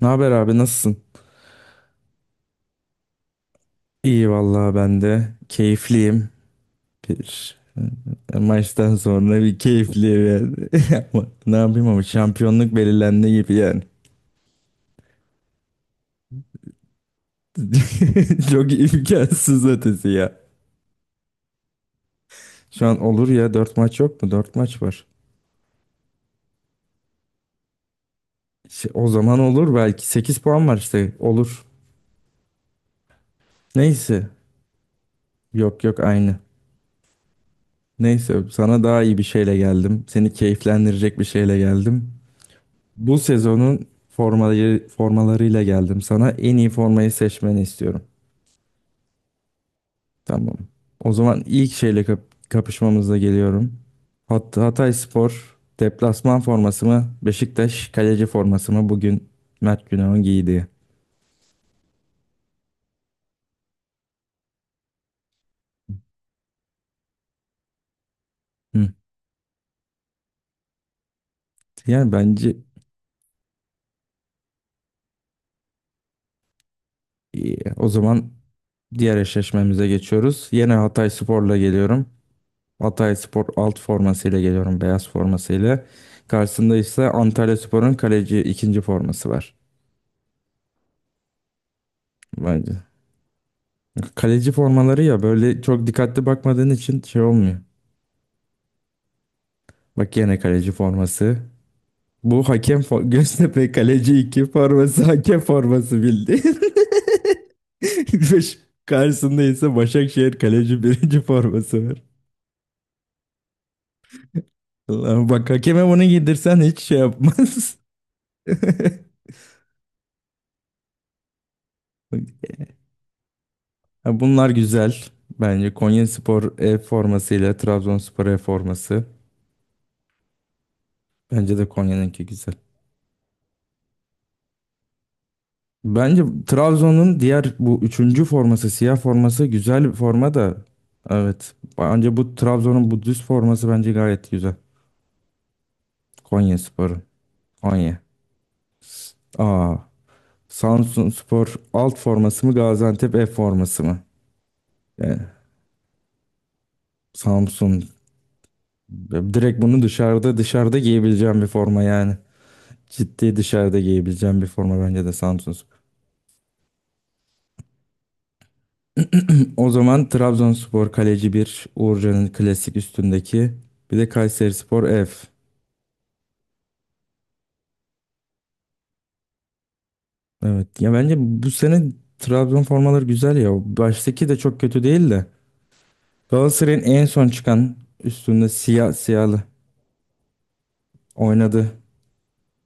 Ne haber abi nasılsın? İyi vallahi ben de keyifliyim. Bir Maçtan sonra bir keyifliyim yani. Ama ne yapayım ama şampiyonluk belirlendi gibi yani. Çok imkansız ötesi ya. Şu an olur ya 4 maç yok mu? 4 maç var. İşte o zaman olur belki 8 puan var işte olur. Neyse. Yok yok aynı. Neyse sana daha iyi bir şeyle geldim. Seni keyiflendirecek bir şeyle geldim. Bu sezonun formalarıyla geldim sana. En iyi formayı seçmeni istiyorum. Tamam. O zaman ilk şeyle kapışmamızla geliyorum. Hatay Spor deplasman forması mı? Beşiktaş kaleci forması mı? Bugün Mert Günok'un giydiği. Hı. Yani bence iyi. O zaman diğer eşleşmemize geçiyoruz. Yine Hatay Spor'la geliyorum. Hatay Spor alt formasıyla geliyorum. Beyaz formasıyla. Karşısında ise Antalya Spor'un kaleci ikinci forması var. Vay, kaleci formaları ya böyle çok dikkatli bakmadığın için şey olmuyor. Bak yine kaleci forması. Göztepe kaleci 2 forması hakem forması bildi. Beş- Karşısında ise Başakşehir kaleci birinci forması var. Allah'ım bak hakeme bunu giydirsen hiç şey yapmaz. Ha, bunlar güzel. Bence Konyaspor E formasıyla Trabzonspor E forması. Bence de Konya'nınki güzel. Bence Trabzon'un diğer bu üçüncü forması, siyah forması güzel bir forma da. Evet. Bence bu Trabzon'un bu düz forması bence gayet güzel. Konya Spor'un. Konya. Aa, Samsun Spor alt forması mı Gaziantep F forması mı? Yani Samsun direkt bunu dışarıda dışarıda giyebileceğim bir forma yani. Ciddi dışarıda giyebileceğim bir forma bence de Samsun. O zaman Trabzonspor kaleci bir Uğurcan'ın klasik üstündeki. Bir de Kayserispor F. Evet. Ya bence bu sene Trabzon formaları güzel ya. Baştaki de çok kötü değil de. Galatasaray'ın en son çıkan üstünde siyahlı oynadı.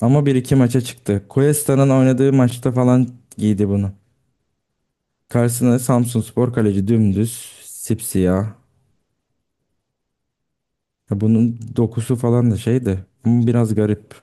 Ama bir iki maça çıktı. Cuesta'nın oynadığı maçta falan giydi bunu. Karşısına Samsunspor kaleci dümdüz sipsiyah. Ya bunun dokusu falan da şeydi. Ama biraz garip.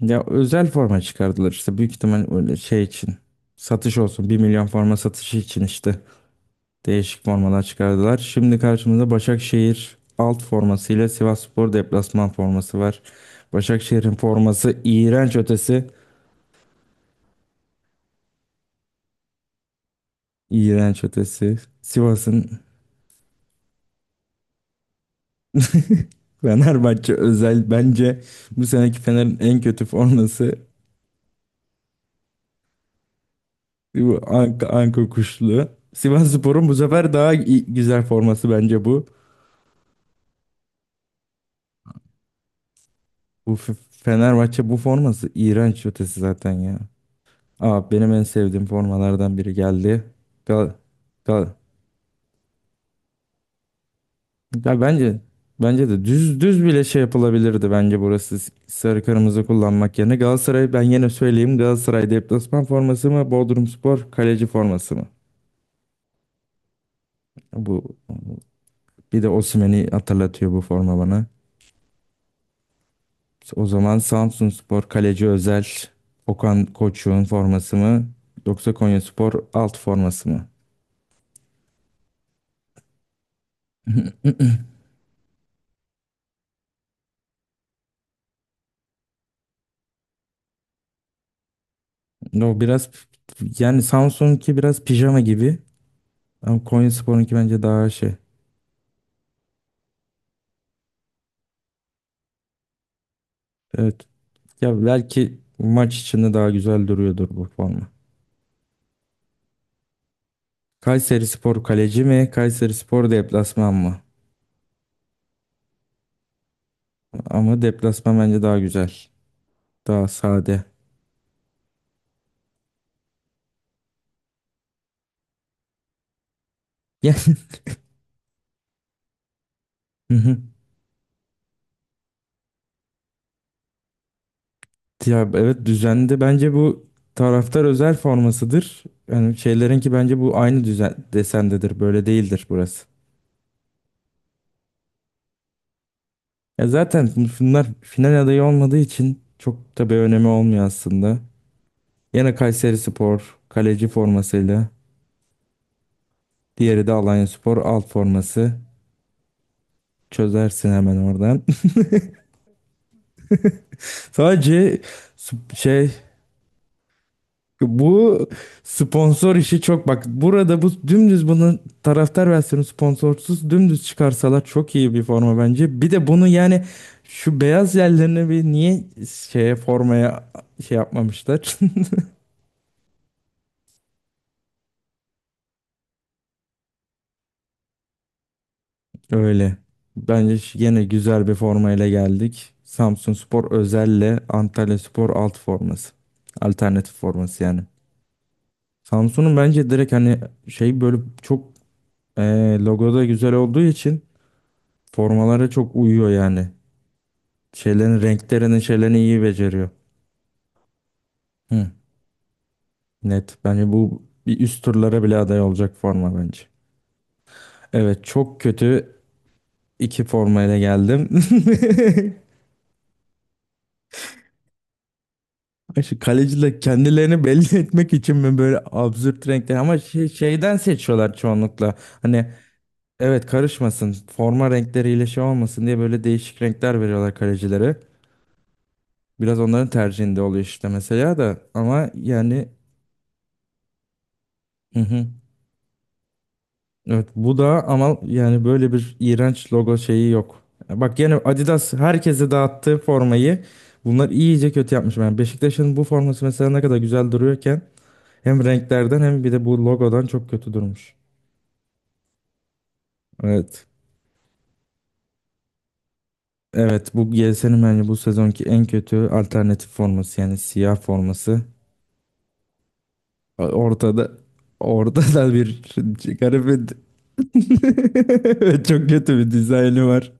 Ya özel forma çıkardılar işte büyük ihtimal öyle şey için. Satış olsun. 1 milyon forma satışı için işte. Değişik formalar çıkardılar. Şimdi karşımızda Başakşehir alt forması ile Sivasspor deplasman forması var. Başakşehir'in forması iğrenç ötesi. İğrenç ötesi. Sivas'ın Fenerbahçe özel bence bu seneki Fener'in en kötü forması bu Anka kuşlu. Sivasspor'un bu sefer daha güzel forması bence bu. Bu Fenerbahçe bu forması iğrenç ötesi zaten ya. Aa, benim en sevdiğim formalardan biri geldi. Gal Gal Ya bence de düz düz bile şey yapılabilirdi bence burası sarı kırmızı kullanmak yerine. Galatasaray ben yine söyleyeyim Galatasaray deplasman forması mı Bodrumspor kaleci forması mı? Bu Bir de Osimhen'i hatırlatıyor bu forma bana. O zaman Samsunspor kaleci özel Okan Koçuk'un forması mı yoksa Konyaspor alt forması mı? No biraz yani Samsun'unki biraz pijama gibi ama Konyaspor'unki bence daha şey. Evet. Ya belki maç içinde daha güzel duruyordur bu forma. Kayserispor kaleci mi? Kayserispor deplasman mı? Ama deplasman bence daha güzel. Daha sade. Yani. Hı hı. Ya evet düzende bence bu taraftar özel formasıdır. Yani şeylerinki bence bu aynı düzen desendedir. Böyle değildir burası. Ya zaten bunlar final adayı olmadığı için çok da bir önemi olmuyor aslında. Yine Kayserispor kaleci formasıyla, diğeri de Alanyaspor alt forması. Çözersin hemen oradan. Sadece şey bu sponsor işi çok bak burada bu dümdüz bunun taraftar versiyonu sponsorsuz dümdüz çıkarsalar çok iyi bir forma bence. Bir de bunu yani şu beyaz yerlerini bir niye şeye formaya şey yapmamışlar? Öyle. Bence yine güzel bir formayla geldik. Samsunspor özelle Antalyaspor alt forması. Alternatif forması yani. Samsun'un bence direkt hani şey böyle çok. Logo da güzel olduğu için formalara çok uyuyor yani. Şeylerin renklerinin şeylerini iyi beceriyor. Hı, net. Bence bu bir üst turlara bile aday olacak forma bence. Evet çok kötü iki formayla geldim. Ay, şu kaleciler kendilerini belli etmek için mi böyle absürt renkler ama şey, şeyden seçiyorlar çoğunlukla. Hani evet karışmasın forma renkleriyle şey olmasın diye böyle değişik renkler veriyorlar kalecilere. Biraz onların tercihinde oluyor işte mesela da ama yani hı hı. Evet bu da ama yani böyle bir iğrenç logo şeyi yok. Bak yine Adidas herkese dağıttığı formayı bunlar iyice kötü yapmış. Yani Beşiktaş'ın bu forması mesela ne kadar güzel duruyorken hem renklerden hem bir de bu logodan çok kötü durmuş. Evet. Evet bu GS'nin bence bu sezonki en kötü alternatif forması yani siyah forması. Ortada ortada bir garip. Çok kötü bir dizaynı var.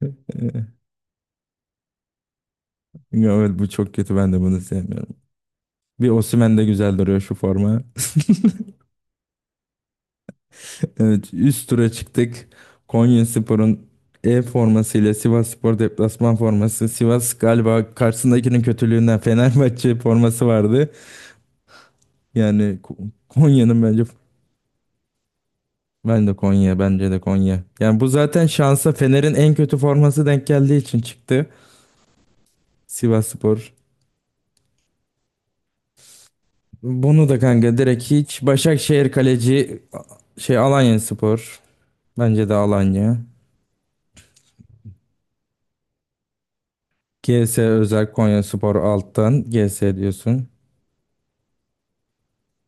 Evet bu çok kötü ben de bunu sevmiyorum. Bir Osimhen de güzel duruyor şu forma. Evet üst tura çıktık. Konyaspor'un E formasıyla Sivasspor deplasman forması. Sivas galiba karşısındakinin kötülüğünden Fenerbahçe forması vardı. Yani Konya'nın bence ben de Konya bence de Konya. Yani bu zaten şansa Fener'in en kötü forması denk geldiği için çıktı. Sivasspor. Bunu da kanka direkt hiç. Başakşehir kaleci şey Alanyaspor. Bence de Alanya. G S özel Konyaspor alttan G S diyorsun.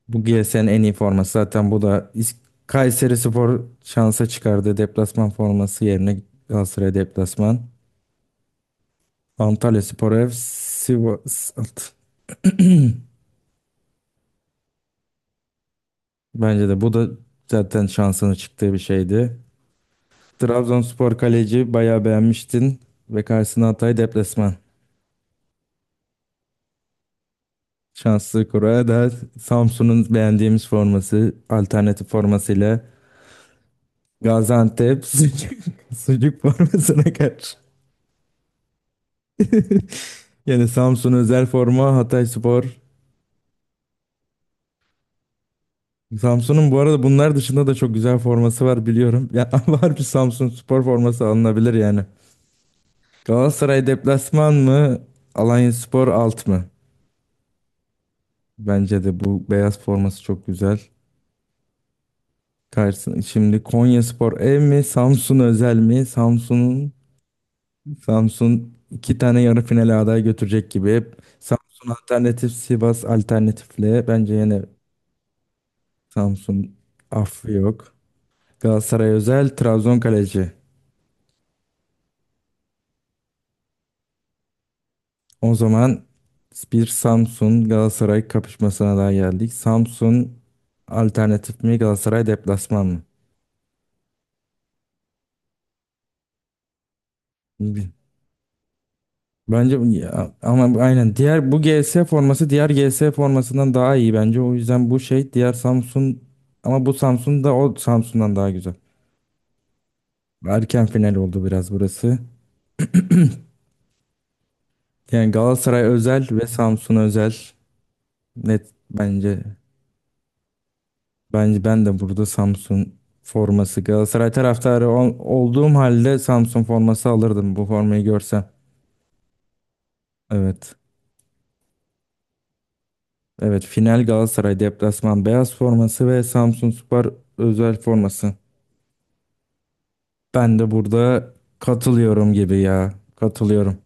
Bu GS'nin en iyi forması zaten bu da Kayserispor şansa çıkardı. Deplasman forması yerine Galatasaray deplasman. Antalyaspor ev Sivas. Bence de bu da zaten şansına çıktığı bir şeydi. Trabzonspor kaleci bayağı beğenmiştin ve karşısına Hatay deplasman. Şanslı Kura'da Samsun'un beğendiğimiz forması alternatif formasıyla Gaziantep sucuk formasına karşı. Yani Samsun özel forma Hatay Spor. Samsun'un bu arada bunlar dışında da çok güzel forması var biliyorum. Ya var bir Samsun Spor forması alınabilir yani. Galatasaray deplasman mı? Alanyaspor alt mı? Bence de bu beyaz forması çok güzel. Karşısına, şimdi Konyaspor ev mi? Samsun özel mi? Samsun'un. Samsun iki tane yarı finale aday götürecek gibi. Samsun alternatif, Sivas alternatifle. Bence yine Samsun affı yok. Galatasaray özel, Trabzon kaleci. O zaman bir Samsun Galatasaray kapışmasına daha geldik. Samsun alternatif mi Galatasaray deplasman mı? Bi- Ama aynen diğer bu G S forması diğer G S formasından daha iyi bence. O yüzden bu şey diğer Samsun ama bu Samsun da o Samsun'dan daha güzel. Erken final oldu biraz burası. Yani Galatasaray özel ve Samsun özel. Net bence. Bence ben de burada Samsun forması Galatasaray taraftarı olduğum halde Samsun forması alırdım bu formayı görsem. Evet. Evet final Galatasaray deplasman beyaz forması ve Samsunspor özel forması. Ben de burada katılıyorum gibi ya. Katılıyorum.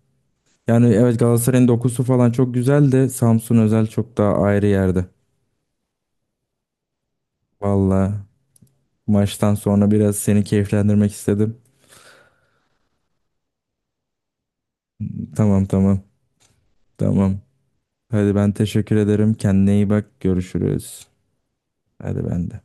Yani evet Galatasaray'ın dokusu falan çok güzel de Samsun özel çok daha ayrı yerde. Vallahi. Maçtan sonra biraz seni keyiflendirmek istedim. Tamam tamam tamam. Hadi ben teşekkür ederim. Kendine iyi bak. Görüşürüz. Hadi ben de.